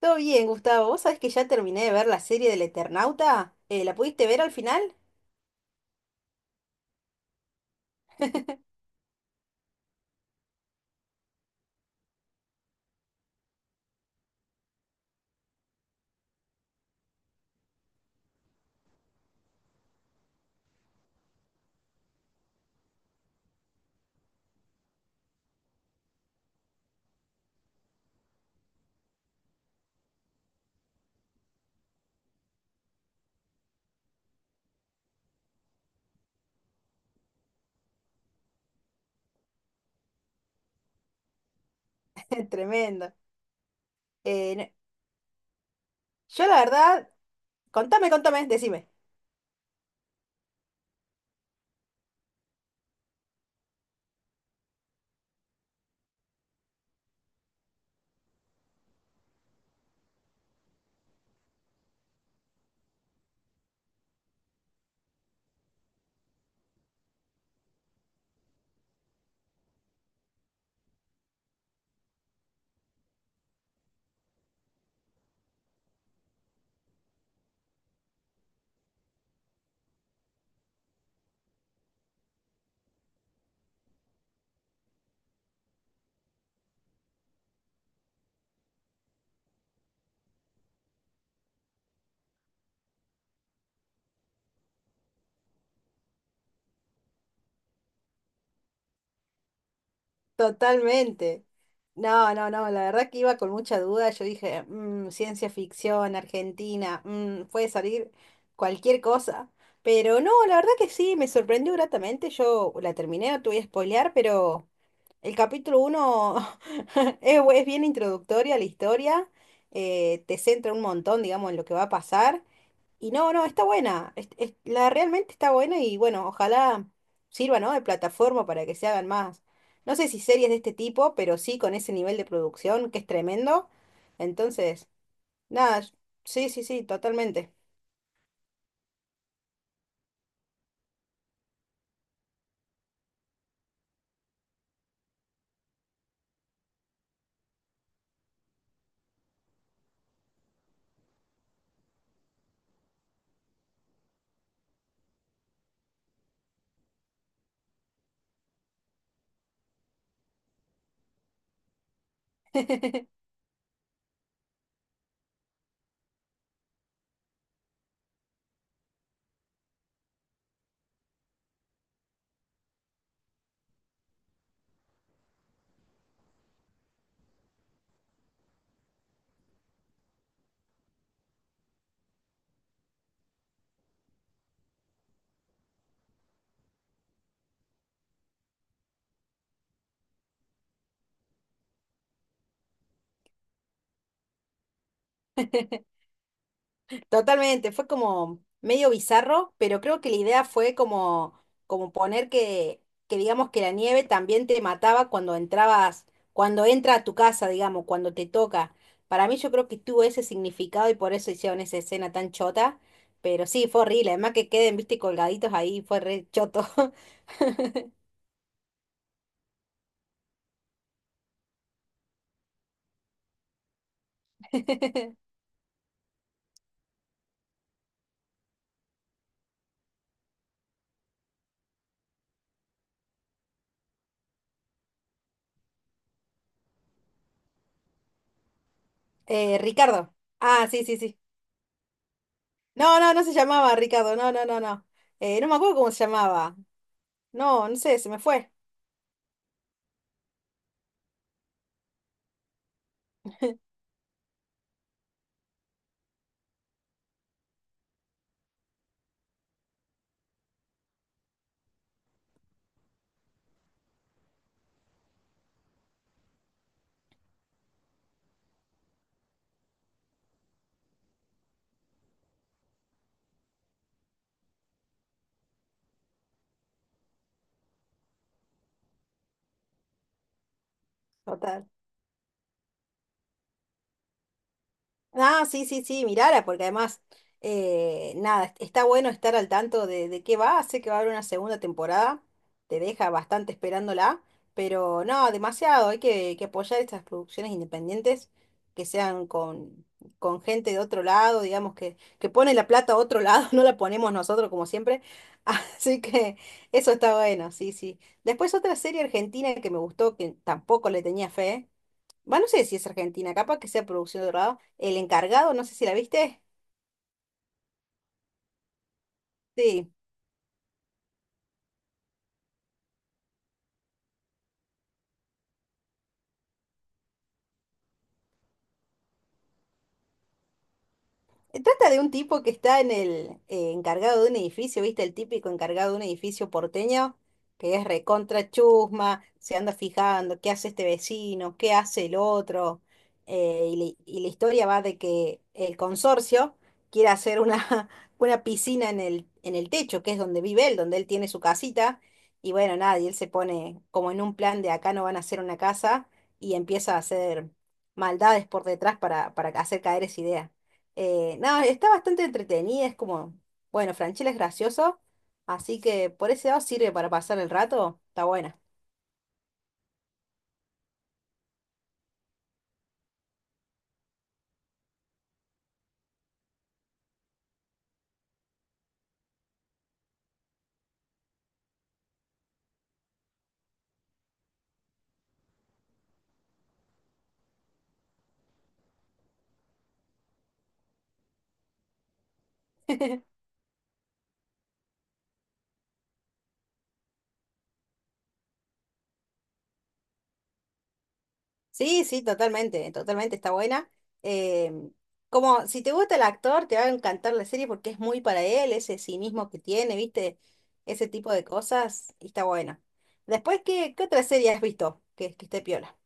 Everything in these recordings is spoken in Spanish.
Todo bien, Gustavo. ¿Vos sabés que ya terminé de ver la serie del Eternauta? ¿La pudiste ver al final? Tremendo. Eh, no- yo la verdad, contame, decime. Totalmente. No, la verdad que iba con mucha duda. Yo dije, "Mm, ciencia ficción, Argentina, mm, puede salir cualquier cosa". Pero no, la verdad que sí, me sorprendió gratamente. Yo la terminé, no te voy a spoilear, pero... El capítulo uno es, es bien introductoria a la historia, te centra un montón, digamos, en lo que va a pasar. Y no, no, está buena, la realmente está buena y bueno, ojalá sirva, ¿no? De plataforma para que se hagan más. No sé si series de este tipo, pero sí con ese nivel de producción que es tremendo. Entonces, nada, sí, sí, sí, totalmente. Totalmente, fue como medio bizarro, pero creo que la idea fue como, como poner que digamos que la nieve también te mataba cuando entrabas, cuando entra a tu casa, digamos, cuando te toca. Para mí yo creo que tuvo ese significado y por eso hicieron esa escena tan chota, pero sí, fue horrible, además que queden, viste, colgaditos ahí, fue re choto. Ricardo. Ah, sí, sí, sí. No, no, no se llamaba Ricardo, no, no, no, no. No me acuerdo cómo se llamaba. No, no sé, se me fue. Total. Ah, sí, sí, sí, mirara, porque además, nada, está bueno estar al tanto de qué va, sé que va a haber una segunda temporada, te deja bastante esperándola, pero no, demasiado, hay que apoyar estas producciones independientes que sean con gente de otro lado, digamos, que pone la plata a otro lado, no la ponemos nosotros como siempre, así que eso está bueno, sí, sí. Después otra serie argentina que me gustó, que tampoco le tenía fe. Bueno, no sé si es Argentina, capaz que sea producción de lado El encargado, no sé si la viste. Sí. Trata de un tipo que está en el encargado de un edificio, ¿viste? El típico encargado de un edificio porteño, que es recontra chusma, se anda fijando qué hace este vecino, qué hace el otro. La y la historia va de que el consorcio quiere hacer una, una piscina en el techo, que es donde vive él, donde él tiene su casita. Y bueno, nada, y él se pone como en un plan de acá no van a hacer una casa y empieza a hacer maldades por detrás para hacer caer esa idea. No, está bastante entretenida, es como, bueno, Franchella es gracioso, así que por ese lado sirve para pasar el rato, está buena. Sí, sí, totalmente, totalmente está buena. Eh, como si te gusta el actor, te va a encantar la serie porque es muy para él, ese cinismo que tiene, ¿viste? Ese tipo de cosas, y está buena. Después, ¿qué otra serie has visto que esté piola?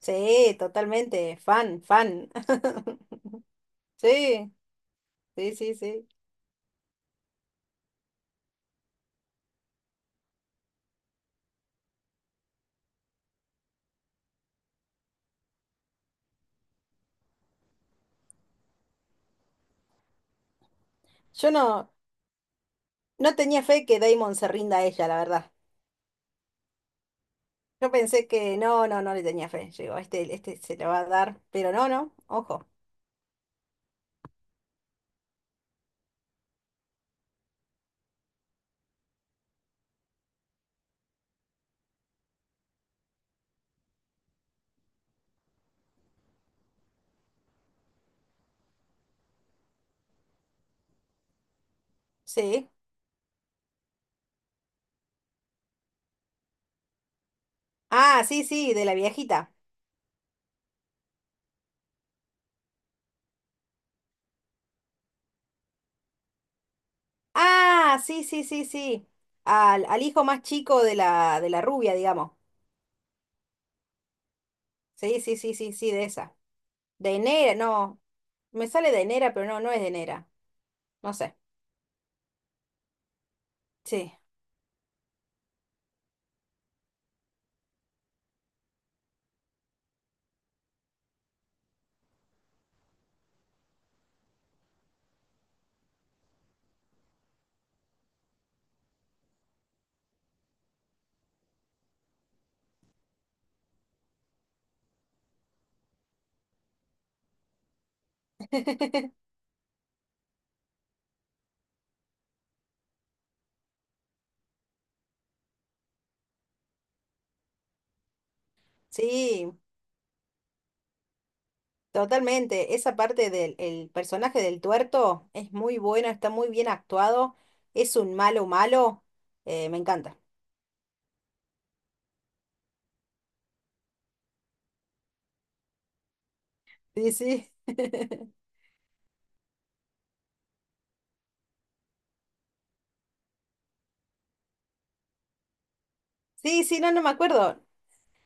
Sí, totalmente, fan, fan. Sí, sí, sí, sí. Yo no, no tenía fe que Damon se rinda a ella, la verdad. Yo pensé que no, no, no le tenía fe. Yo digo, este se lo va a dar, pero no, no, ojo. Sí. Ah, sí, sí, de la viejita. Ah, sí, sí, sí, sí. Al, al hijo más chico de la rubia, digamos. Sí, sí, sí, sí, sí, de esa. De Nera, no. Me sale de Nera, pero no, no es de Nera. No sé. Sí. Sí, totalmente, esa parte del el personaje del tuerto es muy bueno, está muy bien actuado, es un malo malo, me encanta. Sí, sí. Sí, sí, no, no me acuerdo,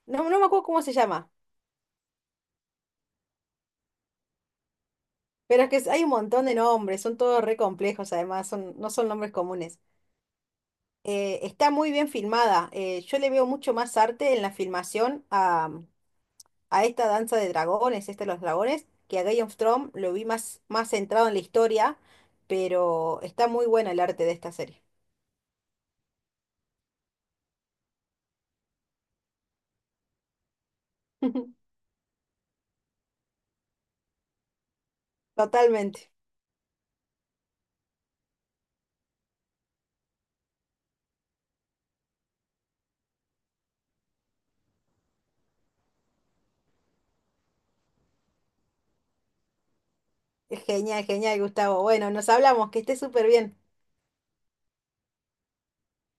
no, no me acuerdo cómo se llama, pero es que hay un montón de nombres, son todos re complejos además, son, no son nombres comunes. Está muy bien filmada, yo le veo mucho más arte en la filmación a esta danza de dragones, este de los dragones, que a Game of Thrones lo vi más, más centrado en la historia, pero está muy bueno el arte de esta serie. Totalmente. Genial, genial, Gustavo. Bueno, nos hablamos, que esté súper bien.